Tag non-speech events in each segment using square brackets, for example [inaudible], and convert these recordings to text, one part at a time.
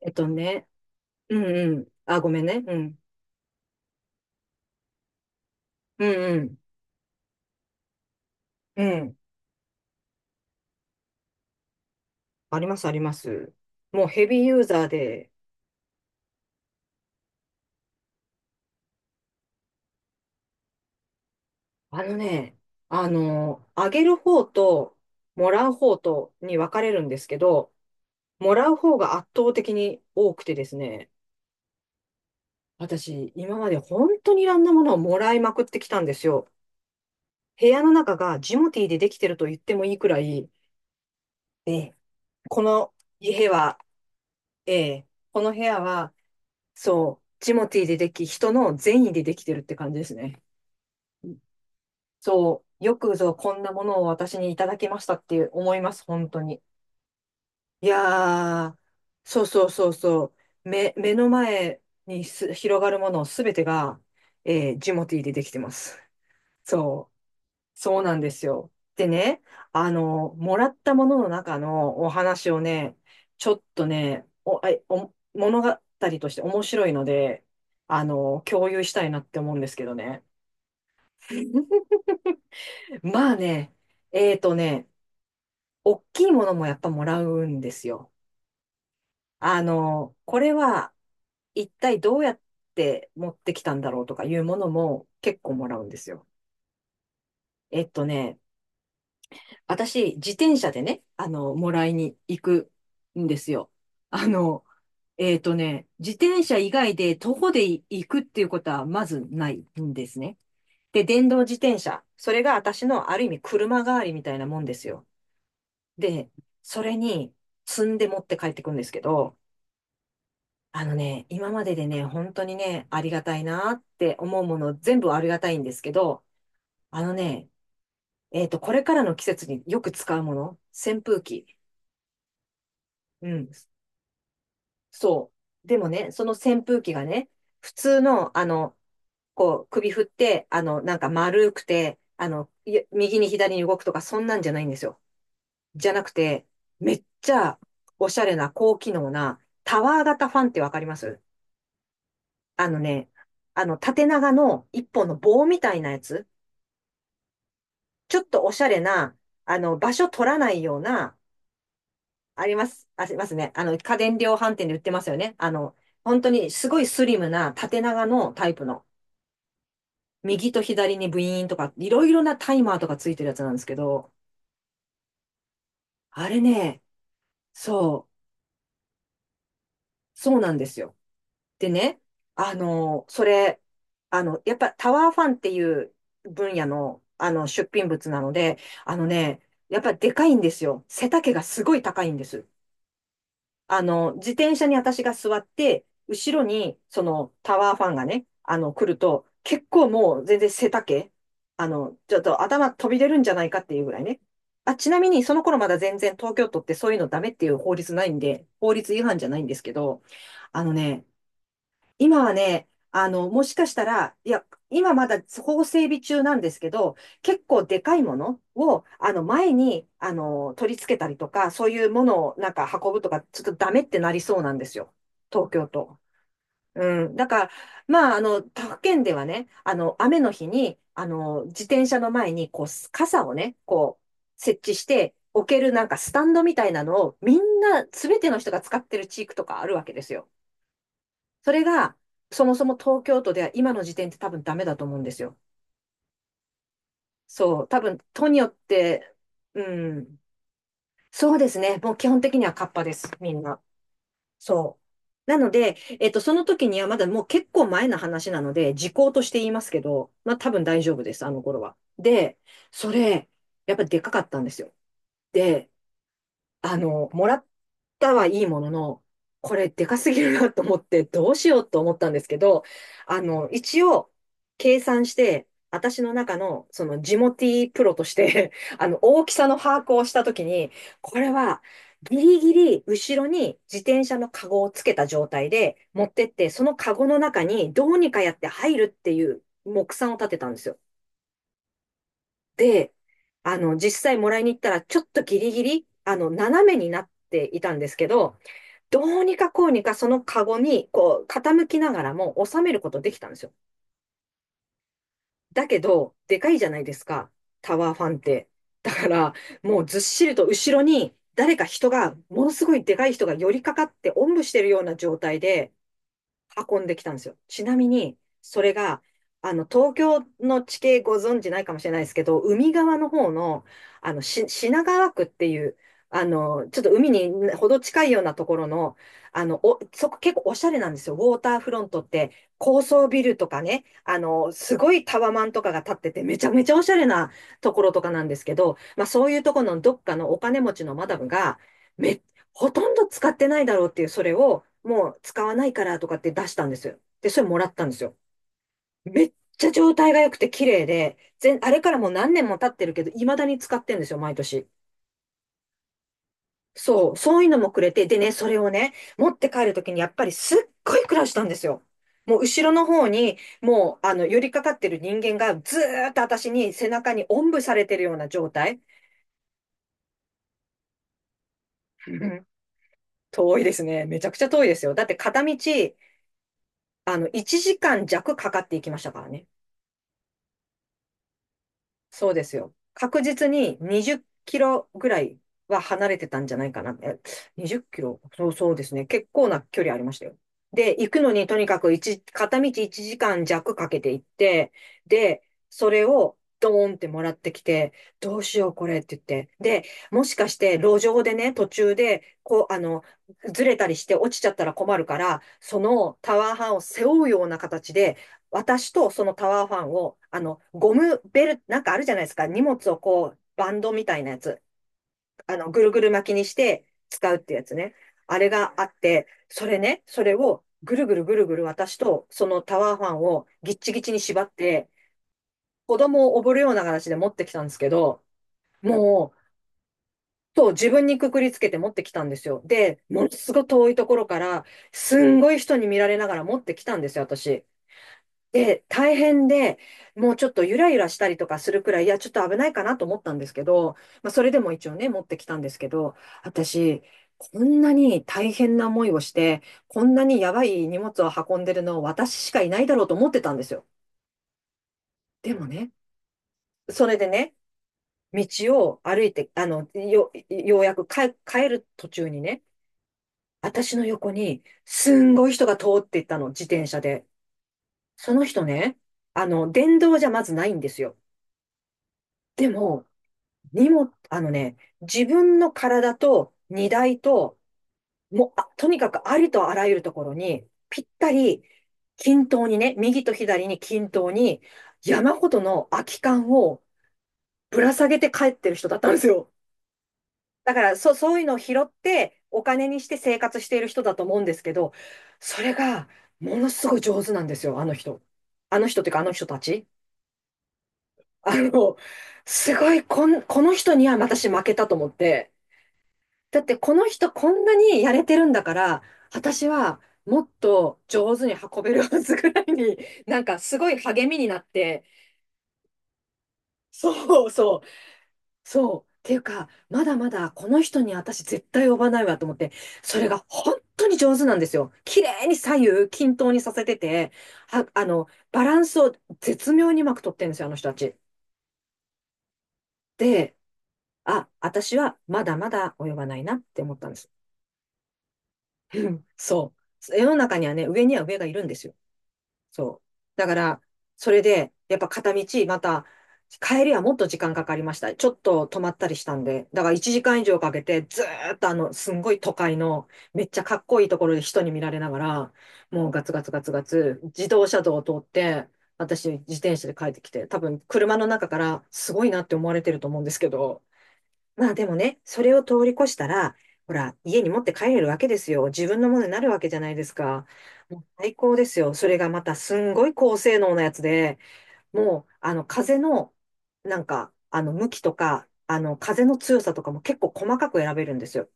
えっとね、ごめんね。うん。うんうん。うん。あります、あります。もうヘビーユーザーで、あのね、あげる方と、もらう方とに分かれるんですけど、もらう方が圧倒的に多くてですね、私、今まで本当にいろんなものをもらいまくってきたんですよ。部屋の中がジモティーでできてると言ってもいいくらい、ええこの家は、ええこの部屋は、そう、ジモティーででき、人の善意でできてるって感じですね。そう、よくぞこんなものを私にいただきましたって思います、本当に。いやー、そうそうそうそ目の前に広がるものすべてが、ジモティーでできてます。そう。そうなんですよ。でね、あの、もらったものの中のお話をね、ちょっとね、お、あお、物語として面白いので、あの、共有したいなって思うんですけどね。まあね、えーとね、大きいものもやっぱもらうんですよ。あの、これは一体どうやって持ってきたんだろうとかいうものも結構もらうんですよ。えっとね、私、自転車でね、あの、もらいに行くんですよ。あの、自転車以外で徒歩で行くっていうことはまずないんですね。で、電動自転車。それが私のある意味車代わりみたいなもんですよ。で、それに積んで持って帰ってくんですけど、あのね、今まででね、本当にね、ありがたいなって思うもの全部ありがたいんですけど、あのね、えっと、これからの季節によく使うもの、扇風機。うん。そう。でもね、その扇風機がね、普通の、あの、こう、首振って、あの、なんか丸くて、あの、右に左に動くとか、そんなんじゃないんですよ。じゃなくて、めっちゃおしゃれな高機能なタワー型ファンってわかります？あのね、あの、縦長の一本の棒みたいなやつ、ちょっとおしゃれな、あの、場所取らないような、あります、ありますね。あの、家電量販店で売ってますよね。あの、本当にすごいスリムな縦長のタイプの。右と左にブイーンとか、いろいろなタイマーとかついてるやつなんですけど、あれね、そそうなんですよ。でね、あの、それ、あの、やっぱタワーファンっていう分野の、あの、出品物なので、あのね、やっぱでかいんですよ。背丈がすごい高いんです。あの、自転車に私が座って、後ろに、その、タワーファンがね、あの、来ると、結構もう全然背丈、あの、ちょっと頭飛び出るんじゃないかっていうぐらいね。あ、ちなみに、その頃まだ全然東京都ってそういうのダメっていう法律ないんで、法律違反じゃないんですけど、あのね、今はね、あの、もしかしたら、いや、今まだ法整備中なんですけど、結構でかいものを、あの、前に、あの、取り付けたりとか、そういうものをなんか運ぶとか、ちょっとダメってなりそうなんですよ。東京都。うん。だから、まあ、あの、他府県ではね、あの、雨の日に、あの、自転車の前に、こう、傘をね、こう、設置して、置けるなんかスタンドみたいなのを、みんな、すべての人が使ってる地域とかあるわけですよ。それが、そもそも東京都では今の時点って多分ダメだと思うんですよ。そう、多分都によって、うん、そうですね。もう基本的にはカッパです、みんな。そう。なので、えっと、その時にはまだもう結構前の話なので、時効として言いますけど、まあ多分大丈夫です、あの頃は。で、それ、やっぱでかかったんですよ。で、あの、もらったはいいものの、これでかすぎるなと思って、どうしようと思ったんですけど、あの、一応、計算して、私の中の、その、ジモティプロとして [laughs] あの、大きさの把握をしたときに、これは、ギリギリ、後ろに自転車のカゴをつけた状態で持ってって、そのカゴの中にどうにかやって入るっていう目算を立てたんですよ。で、あの、実際もらいに行ったら、ちょっとギリギリ、あの、斜めになっていたんですけど、どうにかこうにかそのカゴに、こう、傾きながらも収めることできたんですよ。だけど、でかいじゃないですか、タワーファンって。だから、もうずっしりと後ろに、誰か人が、ものすごいでかい人が寄りかかって、おんぶしてるような状態で、運んできたんですよ。ちなみに、それが、あの、東京の地形ご存知ないかもしれないですけど、海側の方の、あの、品川区っていう、あの、ちょっと海にほど近いようなところの、あの、そこ結構おしゃれなんですよ。ウォーターフロントって、高層ビルとかね、あの、すごいタワマンとかが建ってて、めちゃめちゃおしゃれなところとかなんですけど、まあそういうところのどっかのお金持ちのマダムが、めっほとんど使ってないだろうっていう、それを、もう使わないからとかって出したんですよ。で、それもらったんですよ。めっちゃ状態が良くて綺麗で、全、あれからもう何年も経ってるけど、未だに使ってるんですよ、毎年。そう、そういうのもくれて、でね、それをね、持って帰るときにやっぱりすっごい苦労したんですよ。もう後ろの方に、もう、あの、寄りかかってる人間がずーっと私に背中におんぶされてるような状態。うん、遠いですね。めちゃくちゃ遠いですよ。だって片道あの、1時間弱かかっていきましたからね。そうですよ。確実に20キロぐらいは離れてたんじゃないかな。え、20キロ、そうそうですね。結構な距離ありましたよ。で、行くのにとにかく一片道1時間弱かけて行って、で、それをドーンってもらってきて、どうしようこれって言って。で、もしかして路上でね、途中で、こう、あの、ずれたりして落ちちゃったら困るから、そのタワーハンを背負うような形で、私とそのタワーファンを、あの、ゴムベル、なんかあるじゃないですか。荷物をこう、バンドみたいなやつ。あの、ぐるぐる巻きにして使うってやつね。あれがあって、それね、それをぐるぐるぐるぐる私とそのタワーファンをぎっちぎちに縛って、子供を溺るような形で持ってきたんですけど、もう、そう、自分にくくりつけて持ってきたんですよ。で、ものすごい遠いところから、すんごい人に見られながら持ってきたんですよ、私。で、大変で、もうちょっとゆらゆらしたりとかするくらい、いや、ちょっと危ないかなと思ったんですけど、まあ、それでも一応ね、持ってきたんですけど、私、こんなに大変な思いをして、こんなにやばい荷物を運んでるの私しかいないだろうと思ってたんですよ。でもね、それでね、道を歩いて、ようやく帰る途中にね、私の横に、すんごい人が通っていったの、自転車で。その人ね、あの、電動じゃまずないんですよ。でも、荷物、あのね、自分の体と荷台と、もう、あ、とにかくありとあらゆるところに、ぴったり、均等にね、右と左に均等に、山ほどの空き缶をぶら下げて帰ってる人だったんですよ。だから、そういうのを拾って、お金にして生活している人だと思うんですけど、それが、ものすごい上手なんですよ、あの人。あの人っていうか、あの人たち。あの、すごい、この人には私負けたと思って、だってこの人こんなにやれてるんだから、私はもっと上手に運べるはずぐらいに、なんかすごい励みになって、そうそう、そう。っていうか、まだまだこの人に私絶対呼ばないわと思って、それが本当に上手なんですよ。綺麗に左右均等にさせてて、は、あの、バランスを絶妙にうまく取ってるんですよ、あの人たち。で、あ、私はまだまだ及ばないなって思ったんです。うん、そう。世の中にはね、上には上がいるんですよ。そう。だから、それで、やっぱ片道、また、帰りはもっと時間かかりました。ちょっと止まったりしたんで。だから1時間以上かけて、ずーっとあの、すんごい都会の、めっちゃかっこいいところで人に見られながら、もうガツガツガツガツ、自動車道を通って、私、自転車で帰ってきて、多分、車の中から、すごいなって思われてると思うんですけど、まあでもね、それを通り越したら、ほら、家に持って帰れるわけですよ。自分のものになるわけじゃないですか。もう最高ですよ。それがまたすんごい高性能なやつで、もう、あの、風の、なんか、あの、向きとか、あの、風の強さとかも結構細かく選べるんですよ。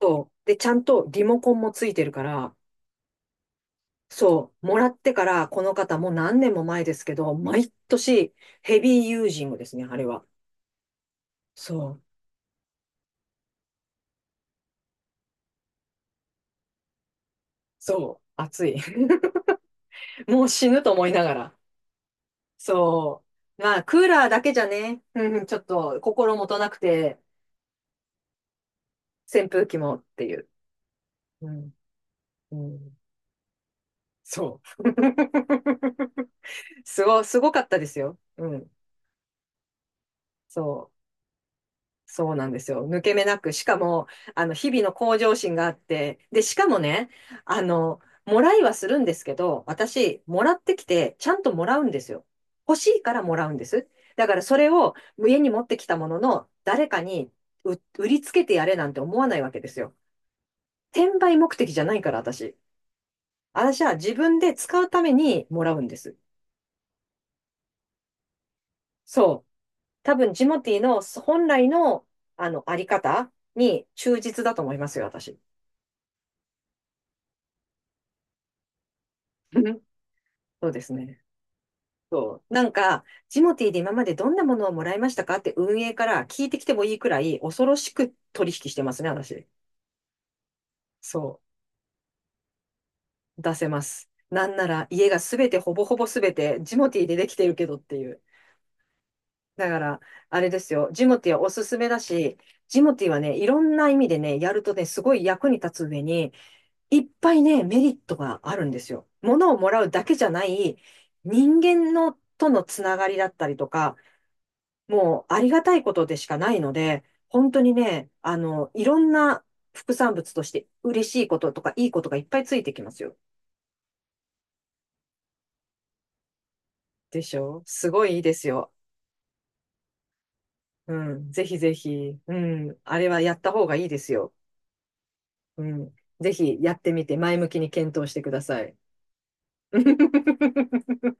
そう。で、ちゃんとリモコンもついてるから、そう、もらってから、この方もう何年も前ですけど、毎年ヘビーユージングですね、あれは。そう、そう、熱い。[laughs] もう死ぬと思いながら。そう。まあ、クーラーだけじゃね、うん、ちょっと心もとなくて、扇風機もっていう。うん、うん、そう。[laughs] すごかったですよ。うん、そう。そうなんですよ。抜け目なく、しかも、あの、日々の向上心があって、で、しかもね、あの、もらいはするんですけど、私、もらってきて、ちゃんともらうんですよ。欲しいからもらうんです。だから、それを家に持ってきたものの、誰かに売りつけてやれなんて思わないわけですよ。転売目的じゃないから、私。私は自分で使うためにもらうんです。そう。多分、ジモティーの本来の、あの、あり方に忠実だと思いますよ、私。[laughs] そうですね。そう。なんか、ジモティーで今までどんなものをもらいましたかって運営から聞いてきてもいいくらい恐ろしく取引してますね、私。そう。出せます。なんなら家がすべてほぼほぼすべてジモティーでできてるけどっていう。だから、あれですよ。ジモティーはおすすめだし、ジモティーはね、いろんな意味でね、やるとね、すごい役に立つ上に、いっぱいね、メリットがあるんですよ。物をもらうだけじゃない、人間のとのつながりだったりとか、もうありがたいことでしかないので、本当にね、あの、いろんな副産物として嬉しいこととかいいことがいっぱいついてきますよ。でしょ、すごいいいですよ。うん。ぜひぜひ。うん。あれはやった方がいいですよ。うん。ぜひやってみて前向きに検討してください。[laughs]